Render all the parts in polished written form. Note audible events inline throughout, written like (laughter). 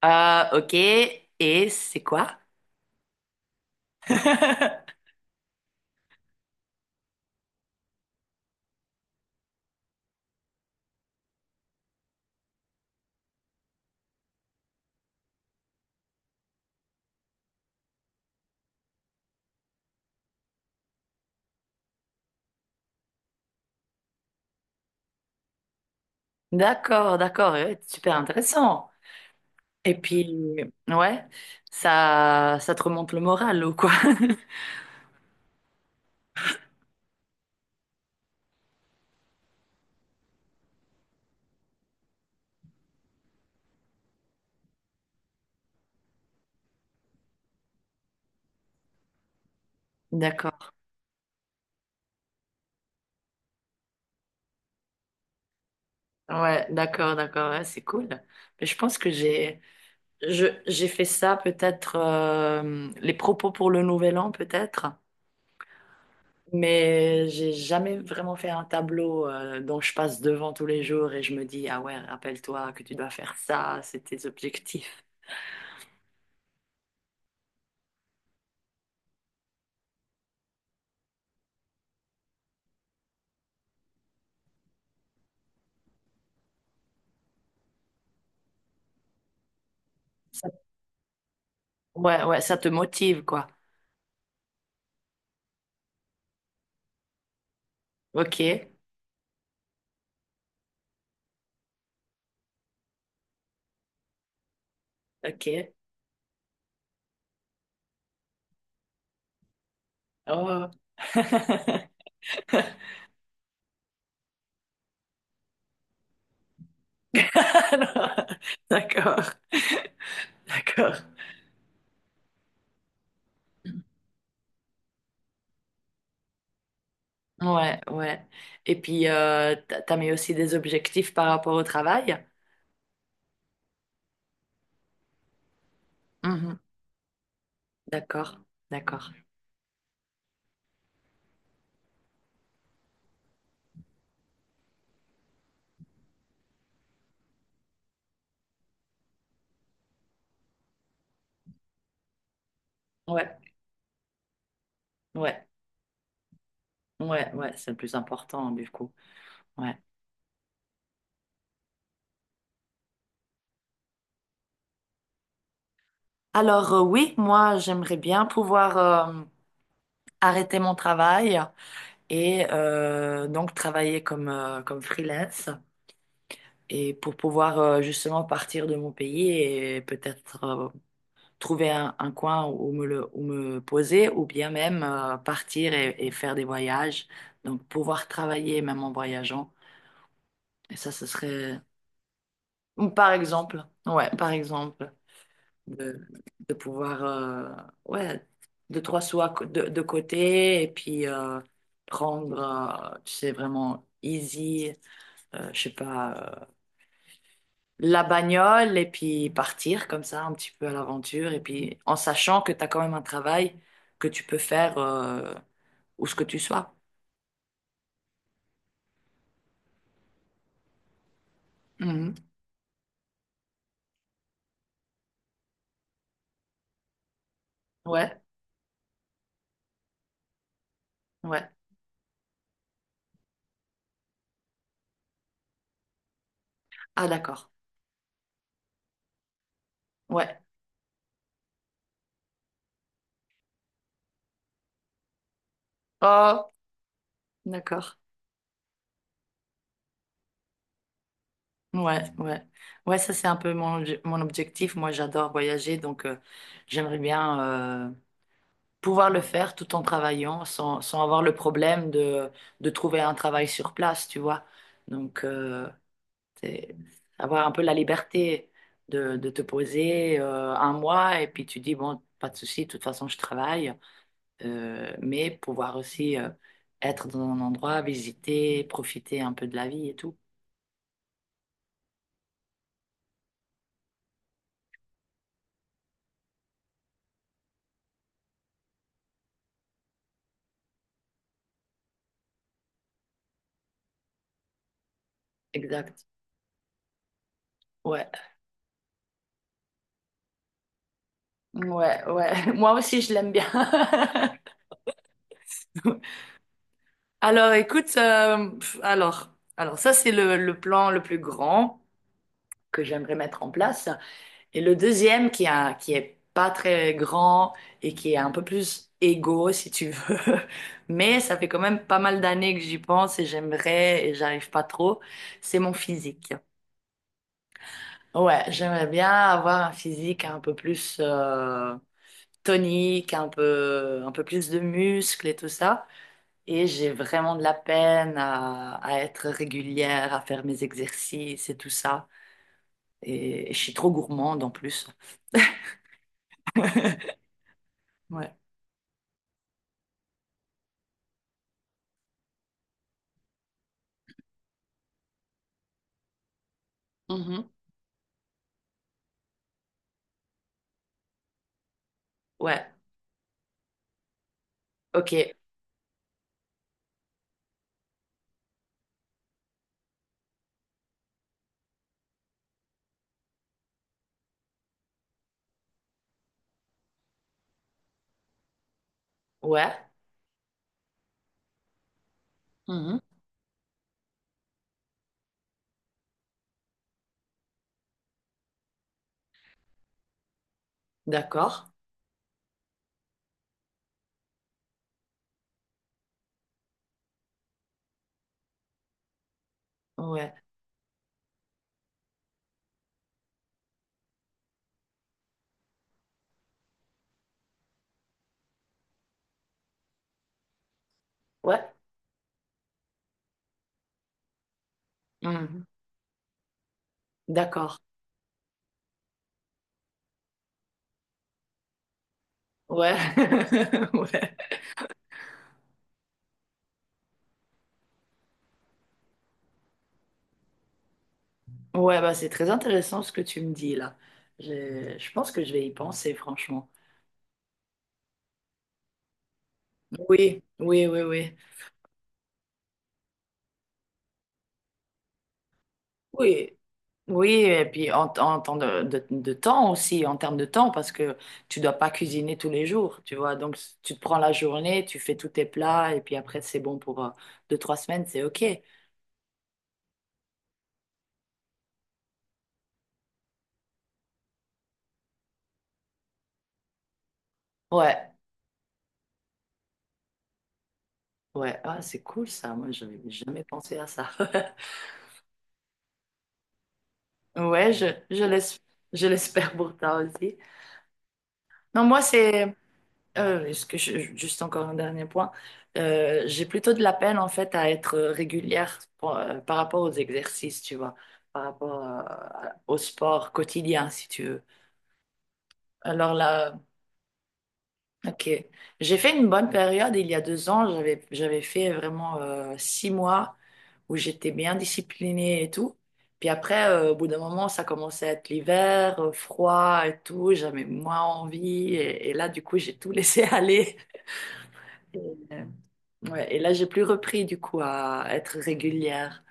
Ah, ok. Et c'est quoi? (laughs) D'accord, d'accord. Ouais, super intéressant. Et puis, ouais, ça te remonte le moral ou quoi? (laughs) D'accord. Ouais, d'accord, d'accord. Ouais, c'est cool. Mais je pense que j'ai fait ça peut-être les propos pour le nouvel an peut-être. Mais j'ai jamais vraiment fait un tableau dont je passe devant tous les jours et je me dis, ah ouais, rappelle-toi que tu dois faire ça, c'est tes objectifs. Ouais, ouais, ça te motive, quoi. Ok, ok. Oh. (laughs) Alors, d'accord, d'accord. Ouais, ouais. Et puis, t'as mis aussi des objectifs par rapport au travail? Mhm. D'accord, d'accord. Ouais, ouais, ouais, ouais, c'est le plus important, du coup. Ouais. Alors, oui, moi, j'aimerais bien pouvoir euh, arrêter mon travail et donc travailler comme, comme freelance. Et pour pouvoir justement partir de mon pays et peut-être trouver un coin où me poser ou bien même partir et faire des voyages. Donc pouvoir travailler même en voyageant. Et ça, ce serait, ou par exemple, ouais, par exemple, de, de pouvoir, ouais, deux, trois sous de côté et puis prendre, tu sais, vraiment easy, je sais pas. La bagnole et puis partir comme ça un petit peu à l'aventure et puis en sachant que tu as quand même un travail que tu peux faire où ce que tu sois. Mhm. Ouais, ouais. Ah, d'accord. Ouais. Oh, d'accord. Ouais, ouais. Ouais, ça c'est un peu mon objectif. Moi j'adore voyager donc j'aimerais bien euh, pouvoir le faire tout en travaillant sans avoir le problème de trouver un travail sur place, tu vois. Donc, c'est avoir un peu la liberté de te poser un mois et puis tu dis, bon, pas de souci, de toute façon, je travaille. Mais pouvoir aussi être dans un endroit, visiter, profiter un peu de la vie et tout. Exact. Ouais. Ouais, ouais. (laughs) Moi aussi, je l'aime bien. (laughs) Alors, écoute, alors ça, c'est le plan le plus grand que j'aimerais mettre en place. Et le deuxième, qui est pas très grand et qui est un peu plus égo, si tu veux. (laughs) Mais ça fait quand même pas mal d'années que j'y pense et j'aimerais, et j'arrive pas trop, c'est mon physique. Ouais, j'aimerais bien avoir un physique un peu plus tonique, un peu plus de muscles et tout ça. Et j'ai vraiment de la peine à être régulière, à faire mes exercices et tout ça. Et je suis trop gourmande en plus. Ouais. Mhm. Ouais. Ok. Ouais. Mhm. D'accord. Ouais. Ouais. Mhm. D'accord. Ouais. (laughs) Ouais. Ouais, bah c'est très intéressant ce que tu me dis là. Je pense que je vais y penser, franchement. Oui, oui, oui, oui. Oui, oui, et puis en temps de temps aussi, en termes de temps, parce que tu dois pas cuisiner tous les jours, tu vois. Donc, tu te prends la journée, tu fais tous tes plats, et puis après, c'est bon pour deux, trois semaines, c'est OK. Ouais, ouais, ah, c'est cool ça. Moi, j'avais jamais pensé à ça. (laughs) Ouais, je l'espère pour toi aussi. Non, moi, c'est. Est-ce que juste encore un dernier point. J'ai plutôt de la peine en fait à être régulière par rapport aux exercices, tu vois, par rapport au sport quotidien, si tu veux. Alors là, ok. J'ai fait une bonne période il y a 2 ans. J'avais fait vraiment 6 mois où j'étais bien disciplinée et tout. Puis après, au bout d'un moment, ça commençait à être l'hiver, froid et tout. J'avais moins envie et là, du coup, j'ai tout laissé (laughs) aller. Ouais, et là, j'ai plus repris du coup à être régulière.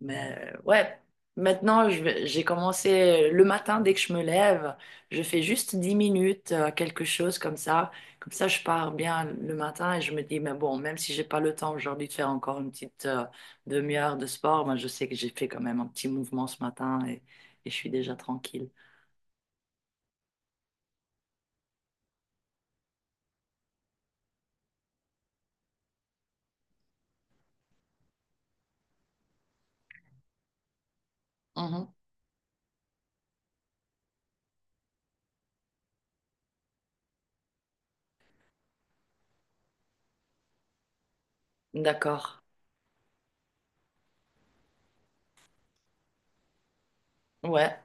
Mais ouais, maintenant, j'ai commencé le matin dès que je me lève. Je fais juste 10 minutes, quelque chose comme ça. Comme ça, je pars bien le matin et je me dis, mais bon, même si j'ai pas le temps aujourd'hui de faire encore une petite demi-heure de sport, ben, je sais que j'ai fait quand même un petit mouvement ce matin et je suis déjà tranquille. Mhm. D'accord. Ouais,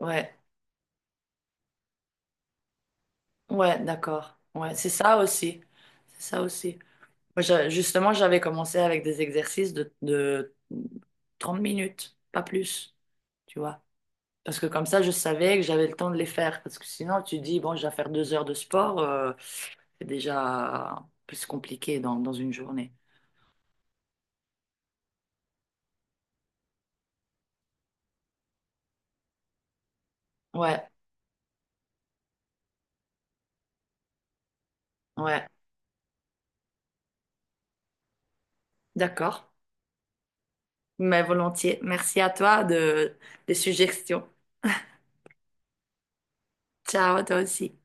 ouais, ouais, d'accord. Ouais, c'est ça aussi. C'est ça aussi. Moi, justement, j'avais commencé avec des exercices de 30 minutes, pas plus, tu vois. Parce que comme ça, je savais que j'avais le temps de les faire. Parce que sinon, tu dis, bon, je vais faire 2 heures de sport, c'est déjà plus compliqué dans une journée. Ouais, ouais, d'accord. Mais volontiers. Merci à toi des suggestions. Ciao, à toi aussi.